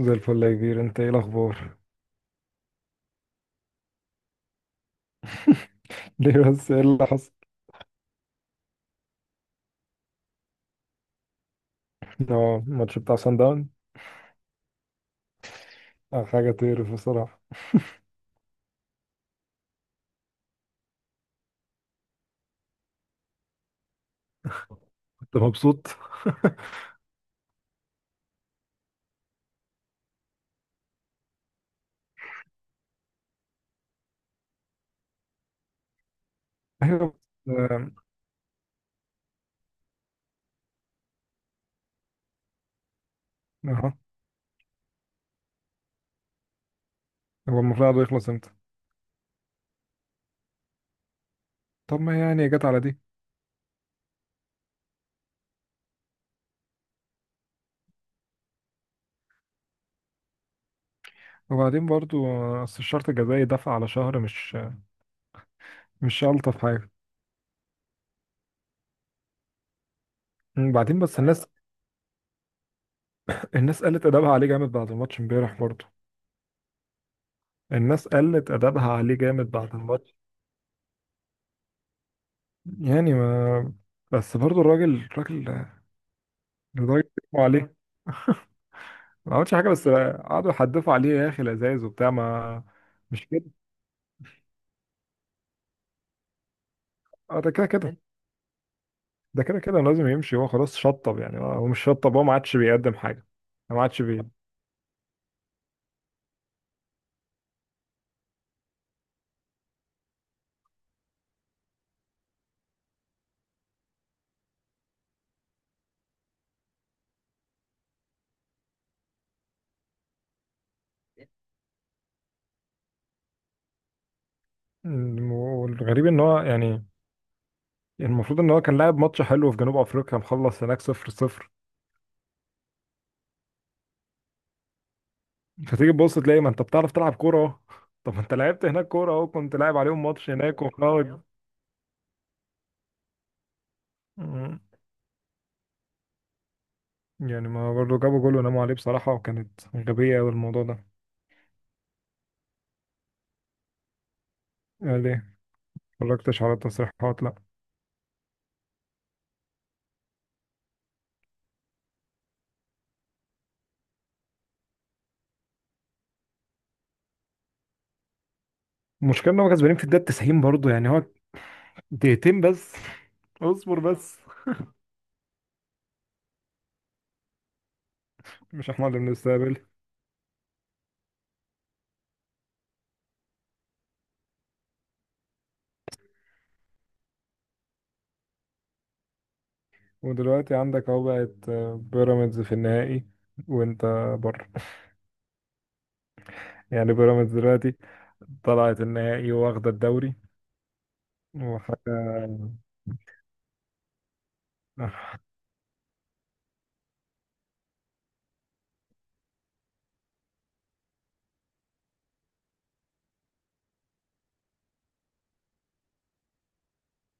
زي الفل يا كبير، انت ايه الاخبار؟ ليه بس، ايه اللي حصل؟ اه، الماتش بتاع سان داون. اه، حاجه تقرف بصراحه. انت مبسوط؟ ايوه. بس، اه، اه، هو المفروض عقده يخلص امتى؟ طب ما يعني جت على دي. وبعدين برضو اصل الشرط الجزائي دفع على شهر، مش الطف حاجه. وبعدين بس الناس، الناس قلت ادابها عليه جامد بعد الماتش امبارح برضو. الناس قلت ادابها عليه جامد بعد الماتش. يعني ما، بس برضو الراجل لدرجه عليه. ما عملتش حاجه، بس قعدوا يحدفوا عليه يا اخي الازايز وبتاع، ما مش كده؟ اه، ده كده كده، ده كده كده لازم يمشي. هو خلاص شطب، يعني هو مش شطب، هو ما عادش بيقدم حاجه. ما عادش بي... والغريب ان هو يعني المفروض ان هو كان لاعب ماتش حلو في جنوب افريقيا، مخلص هناك صفر صفر. فتيجي تبص تلاقي ما انت بتعرف تلعب كوره اهو. طب ما انت لعبت هناك كوره اهو، كنت لاعب عليهم ماتش هناك وخلاص. م- يعني ما برضه جابوا جول وناموا عليه بصراحه، وكانت غبيه أوي الموضوع ده. يعني ليه؟ ما اتفرجتش على التصريحات، لا. المشكلة ان هو كسبانين في الدقيقة 90 برضه، يعني هو دقيقتين بس. اصبر بس. مش احنا اللي بنستقبل. ودلوقتي عندك اهو بقت بيراميدز في النهائي، وانت بره. يعني بيراميدز دلوقتي طلعت النهائي، واخدة الدوري وحاجة.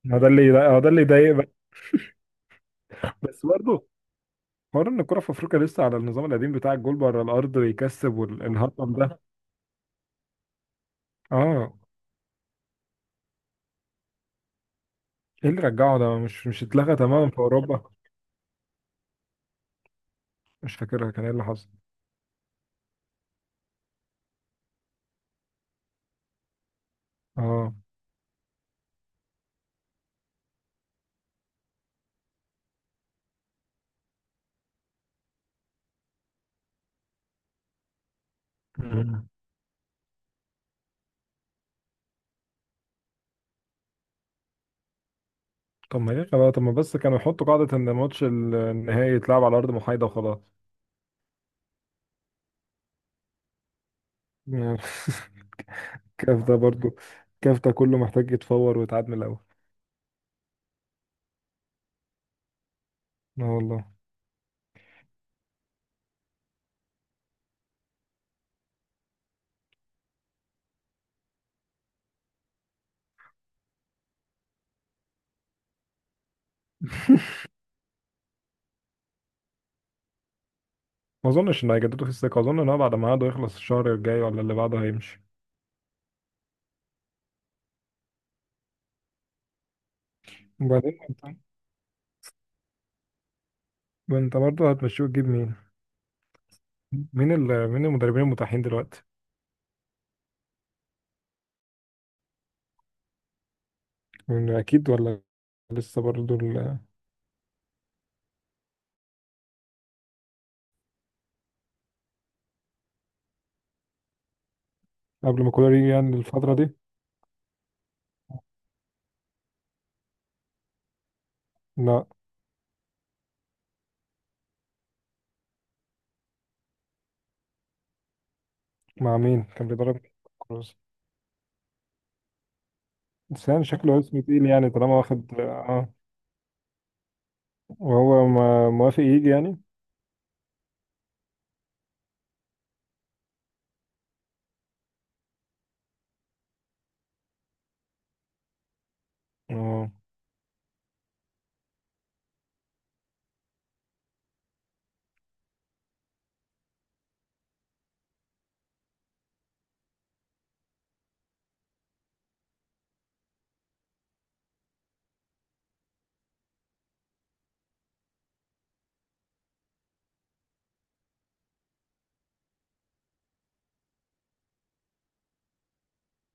ما ده اللي هو ده اللي يضايق بقى. بس برضه حوار ان الكرة في افريقيا لسه على النظام القديم بتاع الجول بره الارض ويكسب والهطم ده. اه، ايه اللي رجعه ده؟ مش اتلغى تماما في اوروبا؟ مش فاكرها كان ايه اللي حصل. اه. طب ما ليه خلاص، طب ما بس كانوا يحطوا قاعدة ان ماتش النهائي يتلعب على ارض محايدة وخلاص. يعني. كاف ده برضو، كاف ده كله محتاج يتفور ويتعاد من الاول. اه والله. ما اظنش ان هيجددوا في الثقة. اظن ان هو بعد ما عقده يخلص الشهر الجاي ولا اللي بعده هيمشي. وبعدين انت، انت برضه هتمشيه وتجيب مين؟ مين المدربين المتاحين دلوقتي؟ يعني اكيد، ولا لسه برضه ال... قبل ما كولر يجي يعني الفترة دي. لا. مع مين كان بيدرب؟ كروس؟ بس يعني شكله اسمه تقيل، يعني طالما واخد، اه. وهو موافق يجي يعني؟ اه.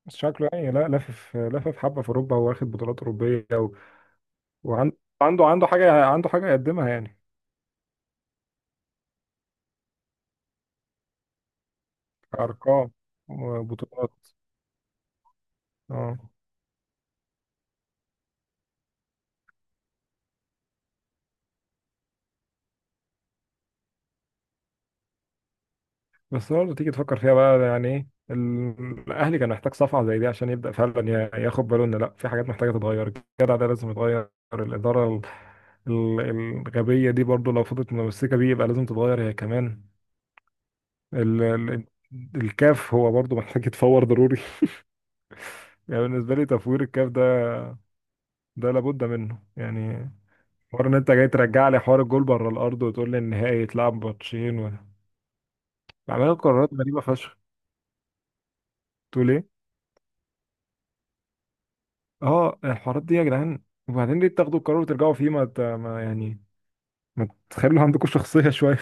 بس شكله يعني، لا، لافف حبة في أوروبا، واخد بطولات أوروبية و... وعنده، عنده حاجة، عنده حاجة يقدمها يعني. أرقام وبطولات. اه. بس برضه تيجي تفكر فيها بقى، يعني إيه الأهلي كان محتاج صفعة زي دي عشان يبدأ فعلا ياخد باله إن لا، في حاجات محتاجة تتغير. الجدع ده لازم يتغير، الإدارة الغبية دي برضه لو فضلت متمسكة بيه يبقى لازم تتغير هي كمان. ال... ال... الكاف هو برضه محتاج يتفور ضروري. يعني بالنسبة لي تفوير الكاف ده، ده لابد منه يعني. حوار ان انت جاي ترجع لي حوار الجول بره الارض، وتقول لي النهائي يتلعب ماتشين و... بعملوا قرارات غريبة فشخ. تقول ايه؟ اه، الحوارات دي يا جدعان. وبعدين ليه تاخدوا القرار وترجعوا فيه؟ ما يعني ما تخلوا عندكم شخصية شوية.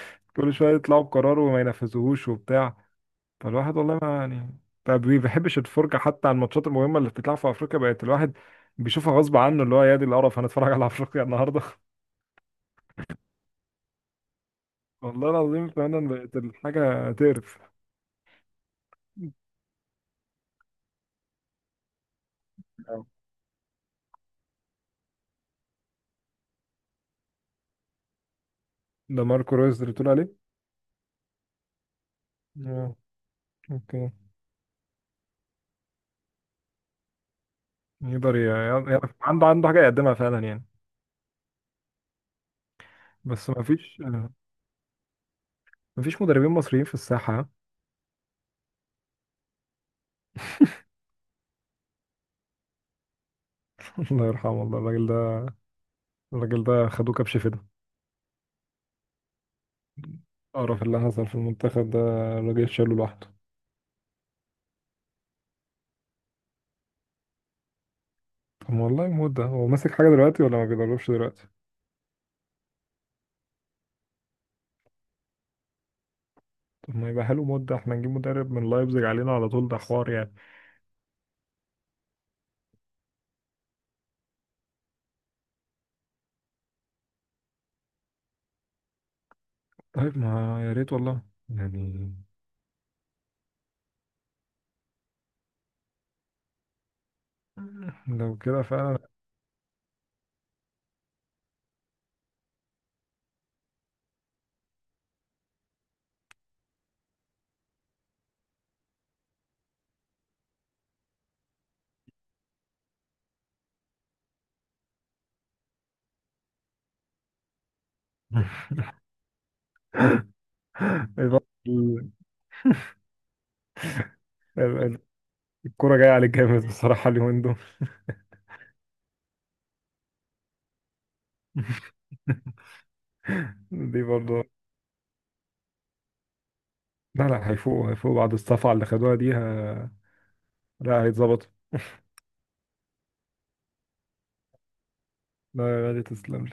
كل شوية يطلعوا بقرار وما ينفذوهوش وبتاع. فالواحد والله ما يعني، ما بي- بيحبش الفرجة حتى على الماتشات المهمة اللي بتتلعب في افريقيا. بقت الواحد بيشوفها غصب عنه، اللي هو يا دي القرف هنتفرج على افريقيا النهارده. والله العظيم، فعلا بقت الحاجة تقرف. آه. ده ماركو رويز اللي بتقول عليه؟ اه. اوكي. يقدر ي- يعرف، عنده حاجة يقدمها فعلا يعني. بس ما فيش، ما فيش مدربين مصريين في الساحة. الله يرحمه، والله الراجل ده، الراجل ده خدوه كبش فدا. القرف اللي حصل في المنتخب ده الراجل شاله لوحده. طب ما والله موت ده، هو ماسك حاجة دلوقتي ولا ما بيدربش دلوقتي؟ طب ما يبقى حلو موت ده، احنا نجيب مدرب من لايبزيج علينا على طول، ده حوار يعني. طيب ما يا ريت والله، يعني لو كده فعلا. الفترة- ال- ال- الكورة جاية عليك جامد بصراحة اليومين دول. دي برضه، لا لا، هيفوقوا، هيفوقوا بعد الصفعة اللي خدوها دي. ه... لا، هيتظبطوا. لا لا، تسلم.